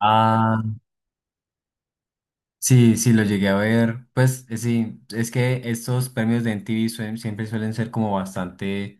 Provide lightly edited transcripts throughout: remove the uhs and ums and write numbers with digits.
Ah, sí, sí, lo llegué a ver. Pues sí, es que estos premios de MTV siempre suelen ser como bastante...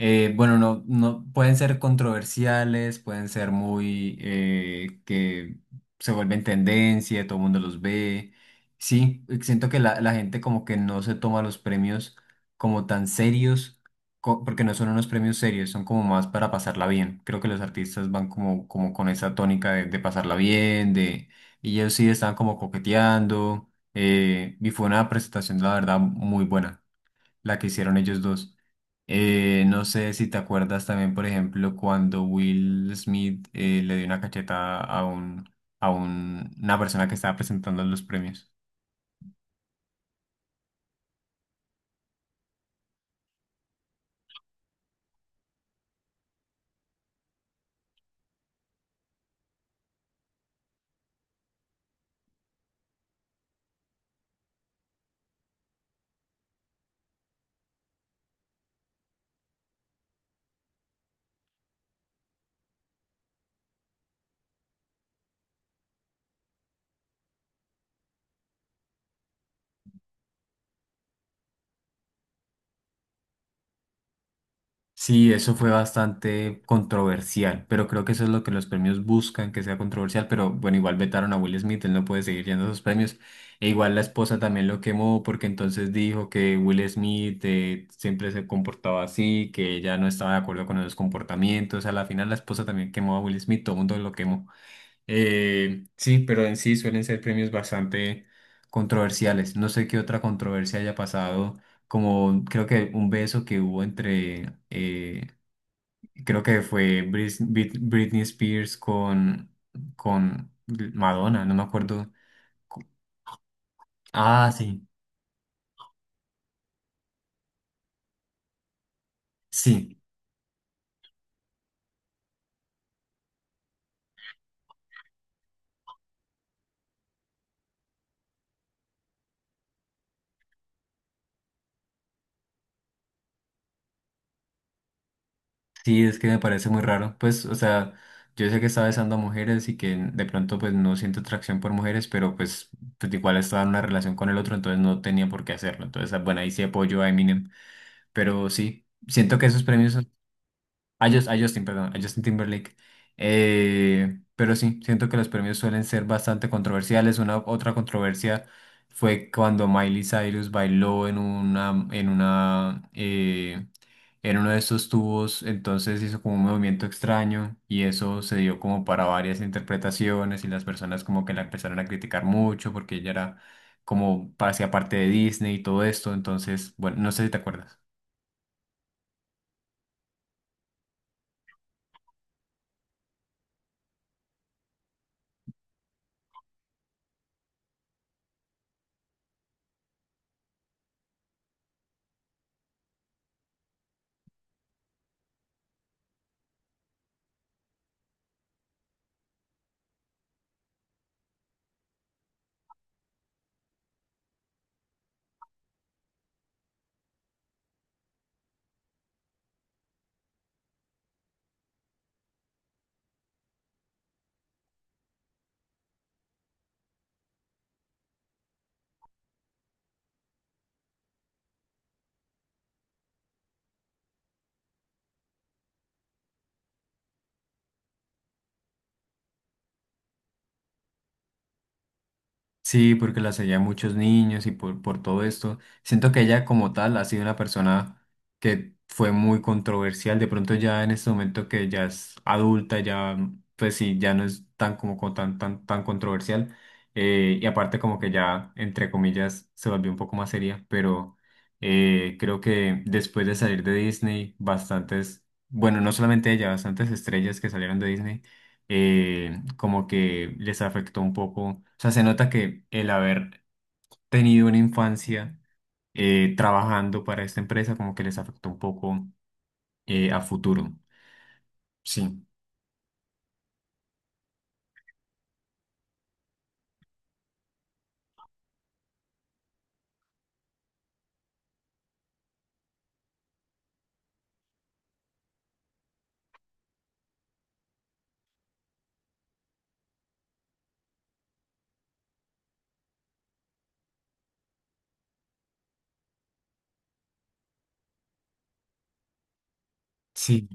Bueno, no pueden ser controversiales, pueden ser muy que se vuelven tendencia, todo el mundo los ve. Sí, siento que la gente como que no se toma los premios como tan serios, porque no son unos premios serios, son como más para pasarla bien. Creo que los artistas van como, como con esa tónica de pasarla bien, de, y ellos sí están como coqueteando, y fue una presentación, la verdad, muy buena la que hicieron ellos dos. No sé si te acuerdas también, por ejemplo, cuando Will Smith le dio una cacheta a un, una persona que estaba presentando los premios. Sí, eso fue bastante controversial, pero creo que eso es lo que los premios buscan, que sea controversial, pero bueno, igual vetaron a Will Smith, él no puede seguir yendo a esos premios, e igual la esposa también lo quemó porque entonces dijo que Will Smith siempre se comportaba así, que ella no estaba de acuerdo con esos comportamientos, a la final la esposa también quemó a Will Smith, todo el mundo lo quemó. Sí, pero en sí suelen ser premios bastante controversiales. No sé qué otra controversia haya pasado, como creo que un beso que hubo entre, creo que fue Britney Spears con Madonna, no me acuerdo. Ah, sí, sí. Sí, es que me parece muy raro. Pues, o sea, yo sé que está besando a mujeres y que de pronto pues no siento atracción por mujeres, pero pues, pues igual estaba en una relación con el otro, entonces no tenía por qué hacerlo. Entonces, ah, bueno, ahí sí apoyo a Eminem. Pero sí, siento que esos premios a Justin, perdón, a Justin Timberlake. Pero sí, siento que los premios suelen ser bastante controversiales. Una otra controversia fue cuando Miley Cyrus bailó en una, en una, en uno de esos tubos, entonces hizo como un movimiento extraño y eso se dio como para varias interpretaciones y las personas como que la empezaron a criticar mucho porque ella era como hacía parte de Disney y todo esto. Entonces, bueno, no sé si te acuerdas. Sí, porque la seguía muchos niños y por todo esto. Siento que ella como tal ha sido una persona que fue muy controversial. De pronto ya en este momento que ya es adulta, ya pues sí, ya no es tan como tan, tan, tan controversial. Y aparte como que ya, entre comillas, se volvió un poco más seria. Pero creo que después de salir de Disney, bastantes, bueno, no solamente ella, bastantes estrellas que salieron de Disney como que les afectó un poco. O sea, se nota que el haber tenido una infancia trabajando para esta empresa como que les afectó un poco a futuro. Sí, sí,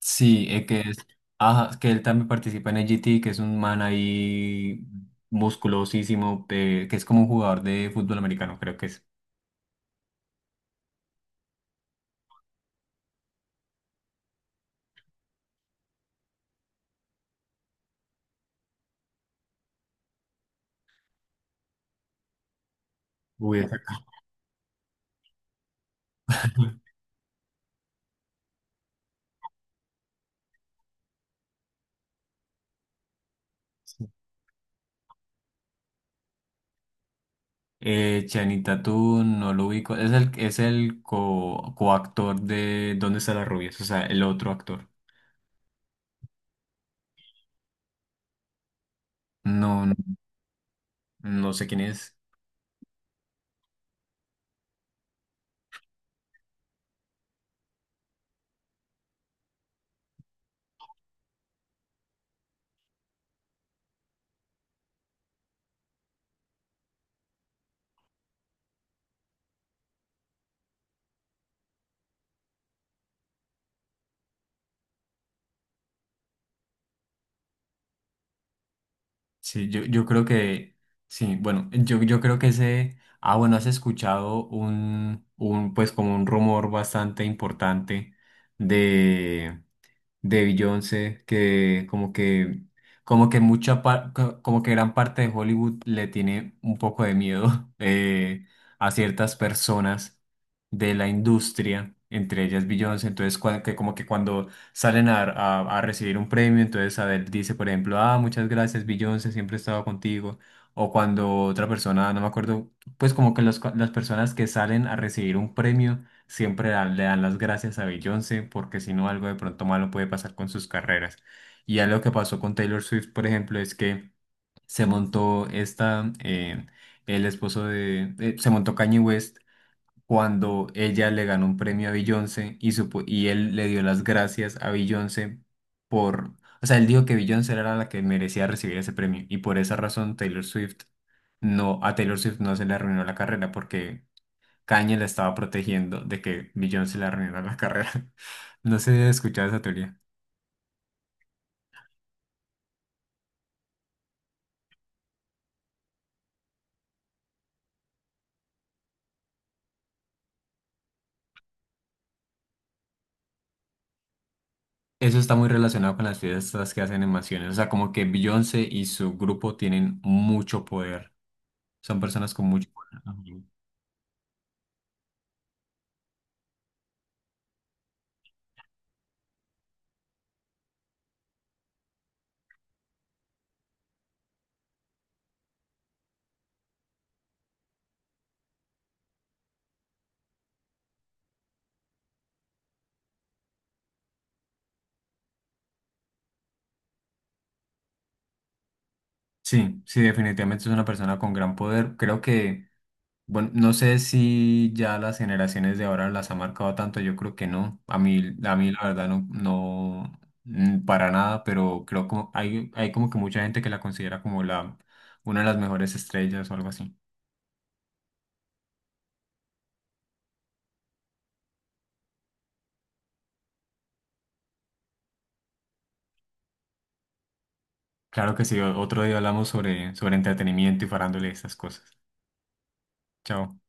sí, que es, ajá, que él también participa en el GT, que es un man ahí musculosísimo, que es como un jugador de fútbol americano, creo que es. Uy, esa- Chanita, tú no lo ubico. Es el coactor de ¿Dónde está la rubia? O sea, el otro actor. No, no, no sé quién es. Sí, yo creo que. Sí, bueno, yo creo que ese. Ah, bueno, has escuchado un, pues como un rumor bastante importante de Beyoncé, que como que, como que como que gran parte de Hollywood le tiene un poco de miedo a ciertas personas de la industria, entre ellas Beyoncé, entonces que como que cuando salen a, a recibir un premio, entonces Adele dice, por ejemplo, ah, muchas gracias Beyoncé, siempre he estado contigo, o cuando otra persona, no me acuerdo, pues como que las personas que salen a recibir un premio, siempre le dan las gracias a Beyoncé porque si no algo de pronto malo puede pasar con sus carreras. Y ya lo que pasó con Taylor Swift, por ejemplo, es que se montó esta, el esposo de, se montó Kanye West cuando ella le ganó un premio a Beyoncé y, y él le dio las gracias a Beyoncé por, o sea, él dijo que Beyoncé era la que merecía recibir ese premio y por esa razón Taylor Swift no, a Taylor Swift no se le arruinó la carrera porque Kanye la estaba protegiendo de que Beyoncé se le arruinara la carrera. No sé si has escuchado esa teoría. Eso está muy relacionado con las fiestas que hacen en mansiones. O sea, como que Beyoncé y su grupo tienen mucho poder. Son personas con mucho poder. Ujú. Sí, sí, definitivamente es una persona con gran poder. Creo que bueno, no sé si ya las generaciones de ahora las ha marcado tanto, yo creo que no. A mí la verdad no, no para nada, pero creo que hay como que mucha gente que la considera como la, una de las mejores estrellas o algo así. Claro que sí, otro día hablamos sobre, sobre entretenimiento y farándole estas cosas. Chao.